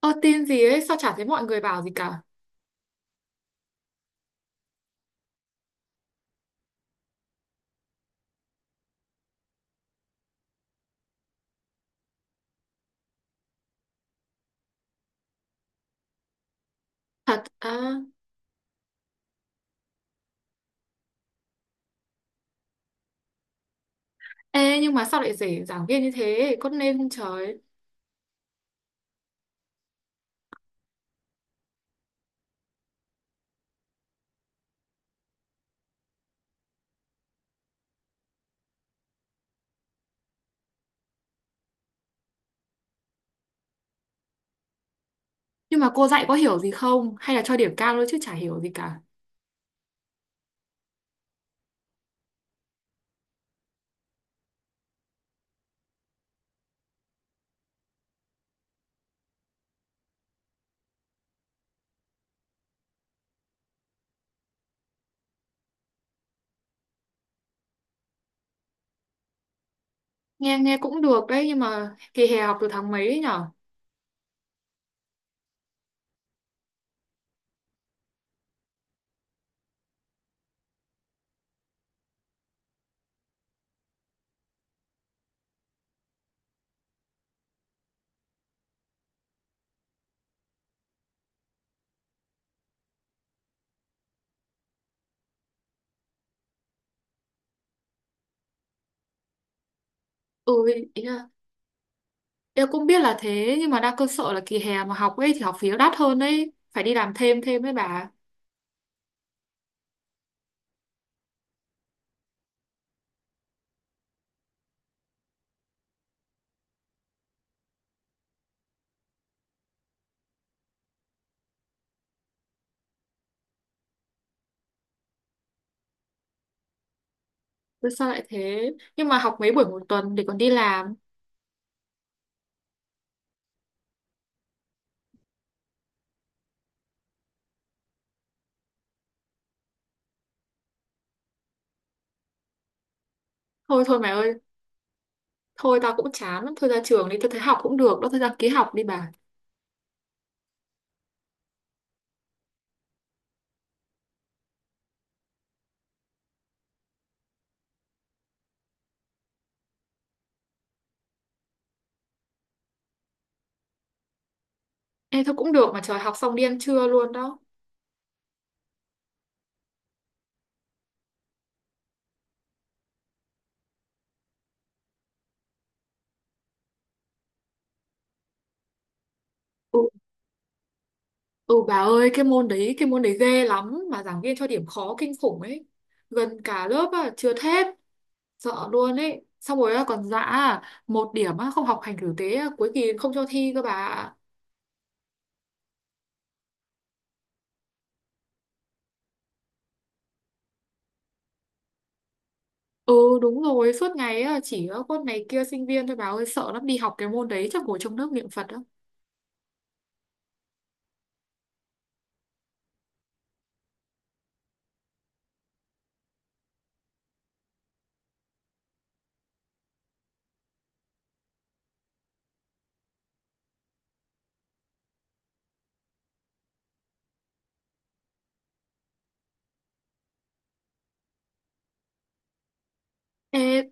Ơ, tin gì ấy? Sao chả thấy mọi người bảo gì cả? Thật à? Ê, nhưng mà sao lại rể giảng viên như thế? Con nên không trời. Nhưng mà cô dạy có hiểu gì không? Hay là cho điểm cao thôi chứ chả hiểu gì cả? Nghe nghe cũng được đấy. Nhưng mà kỳ hè học từ tháng mấy ấy nhở? Ừ, ý là em cũng biết là thế. Nhưng mà đang cơ sợ là kỳ hè mà học ấy thì học phí nó đắt hơn đấy, phải đi làm thêm thêm đấy bà. Thế sao lại thế? Nhưng mà học mấy buổi một tuần để còn đi làm? Thôi thôi mày ơi. Thôi tao cũng chán lắm, thôi ra trường đi. Tao thấy học cũng được, đó thôi ra ký học đi bà. Ê, thôi cũng được mà trời, học xong đi ăn trưa luôn đó. Ừ, ừ bà ơi, cái môn đấy, cái môn đấy ghê lắm mà giảng viên cho điểm khó kinh khủng ấy. Gần cả lớp à, trượt hết. Sợ luôn ấy. Xong rồi á, còn dã à, một điểm á, không học hành tử tế á, cuối kỳ không cho thi cơ bà ạ. Ừ đúng rồi, suốt ngày á, chỉ có con này kia sinh viên thôi bà ơi, sợ lắm, đi học cái môn đấy chắc ngồi trong nước niệm Phật á. Ê,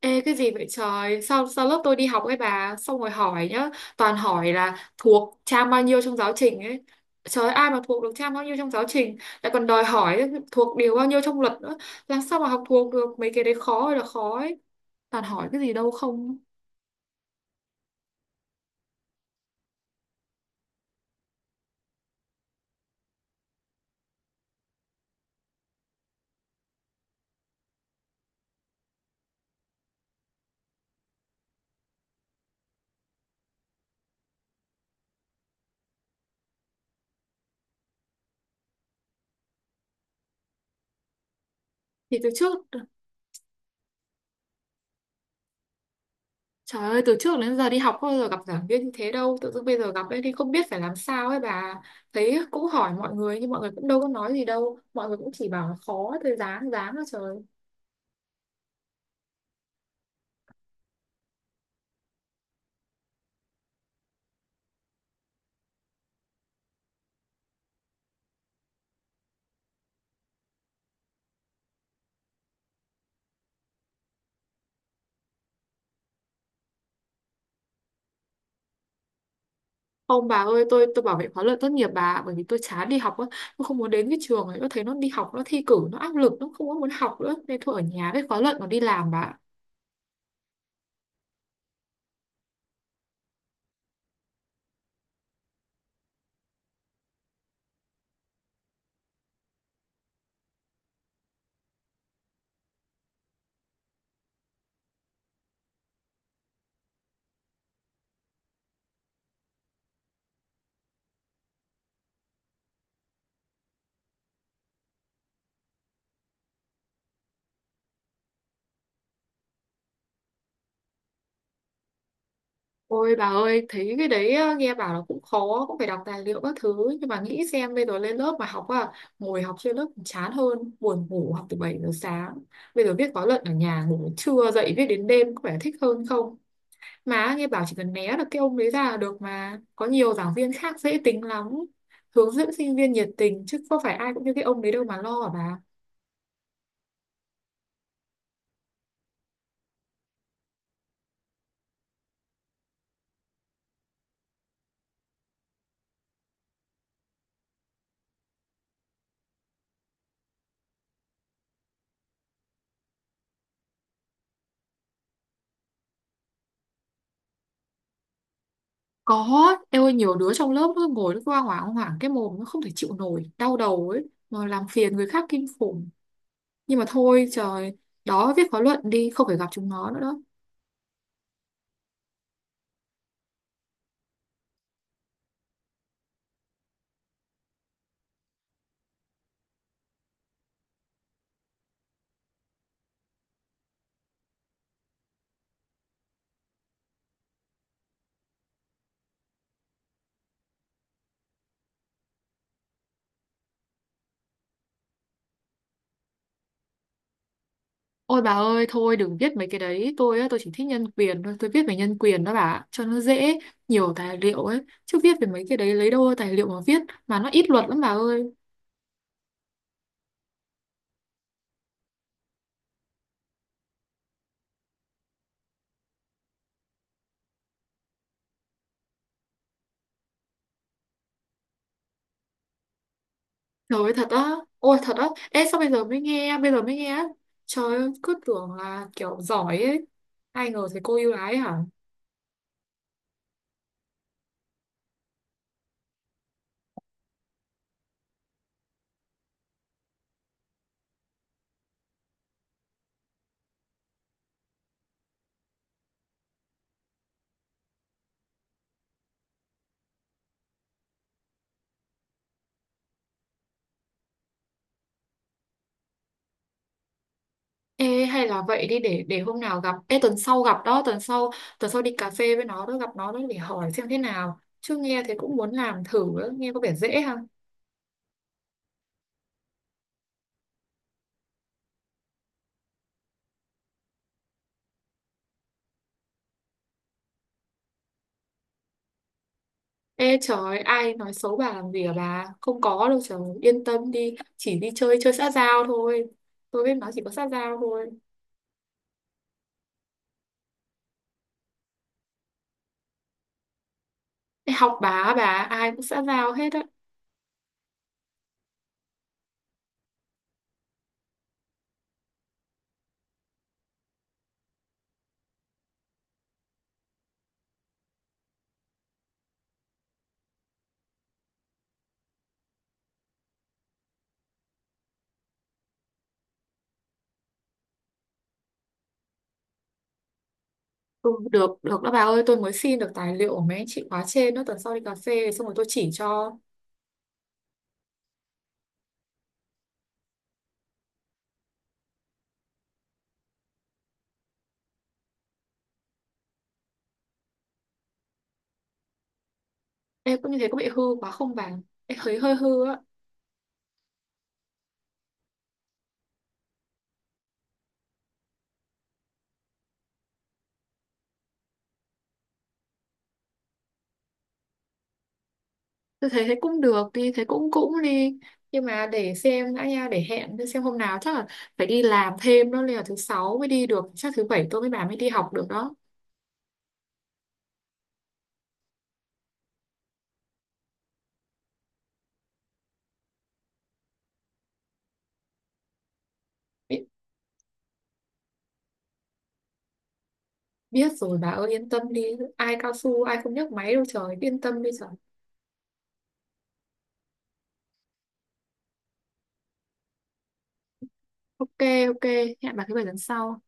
ê, cái gì vậy trời? Sao lớp tôi đi học ấy bà, xong rồi hỏi nhá. Toàn hỏi là thuộc trang bao nhiêu trong giáo trình ấy. Trời ơi, ai mà thuộc được trang bao nhiêu trong giáo trình? Lại còn đòi hỏi thuộc điều bao nhiêu trong luật nữa. Làm sao mà học thuộc được? Mấy cái đấy khó ơi là khó ấy. Toàn hỏi cái gì đâu không. Thì từ trước. Trời ơi, từ trước đến giờ đi học không bao giờ gặp giảng viên như thế đâu. Tự dưng bây giờ gặp ấy thì không biết phải làm sao ấy bà. Thấy cũng hỏi mọi người, nhưng mọi người cũng đâu có nói gì đâu. Mọi người cũng chỉ bảo là khó. Thôi dáng dáng thôi trời. Không bà ơi, tôi bảo vệ khóa luận tốt nghiệp bà ạ, bởi vì tôi chán đi học á, tôi không muốn đến cái trường ấy, tôi thấy nó đi học nó thi cử nó áp lực, nó không có muốn học nữa nên thôi ở nhà với khóa luận còn đi làm bà ạ. Ôi bà ơi, thấy cái đấy á, nghe bảo là cũng khó, cũng phải đọc tài liệu các thứ, nhưng mà nghĩ xem bây giờ lên lớp mà học à, ngồi học trên lớp còn chán hơn, buồn ngủ học từ 7 giờ sáng. Bây giờ viết khóa luận ở nhà, ngủ đến trưa dậy viết đến đêm, có vẻ thích hơn không? Mà nghe bảo chỉ cần né được cái ông đấy ra là được mà. Có nhiều giảng viên khác dễ tính lắm. Hướng dẫn sinh viên nhiệt tình, chứ có phải ai cũng như cái ông đấy đâu mà lo hả bà. Có, em ơi nhiều đứa trong lớp nó ngồi nó cứ hoảng hoảng hoảng cái mồm, nó không thể chịu nổi, đau đầu ấy, mà làm phiền người khác kinh khủng. Nhưng mà thôi trời, đó viết khóa luận đi, không phải gặp chúng nó nữa đó. Ôi bà ơi, thôi đừng viết mấy cái đấy, tôi á, tôi chỉ thích nhân quyền thôi, tôi viết về nhân quyền đó bà, cho nó dễ, nhiều tài liệu ấy, chứ viết về mấy cái đấy lấy đâu ra tài liệu mà viết, mà nó ít luật lắm bà ơi. Trời ơi thật á? Ôi thật á? Ê sao bây giờ mới nghe? Bây giờ mới nghe á? Trời ơi cứ tưởng là kiểu giỏi ấy, ai ngờ thấy cô yêu ái hả? Ê, hay là vậy đi, để hôm nào gặp. Ê tuần sau gặp đó. Tuần sau đi cà phê với nó đó. Gặp nó đó để hỏi xem thế nào, chứ nghe thế cũng muốn làm thử đó. Nghe có vẻ dễ ha. Ê trời, ai nói xấu bà làm gì à bà. Không có đâu trời, yên tâm đi. Chỉ đi chơi chơi xã giao thôi. Tôi với nó chỉ có xã giao thôi. Ê, học bà á, bà, ai cũng xã giao hết á. Ừ, được được đó bà ơi, tôi mới xin được tài liệu của mấy anh chị khóa trên đó, tuần sau đi cà phê xong rồi tôi chỉ cho. Em cũng như thế có bị hư quá không bà? Em thấy hơi hư á. Tôi thấy thế cũng được, đi thế cũng cũng đi, nhưng mà để xem đã nha, để hẹn để xem hôm nào. Chắc là phải đi làm thêm đó, nên là thứ sáu mới đi được, chắc thứ bảy tôi với bà mới đi học được đó. Bi- Biết rồi bà ơi, yên tâm đi. Ai cao su, ai không nhấc máy đâu trời, yên tâm đi trời. OK. OK, hẹn bà thứ bảy tuần sau.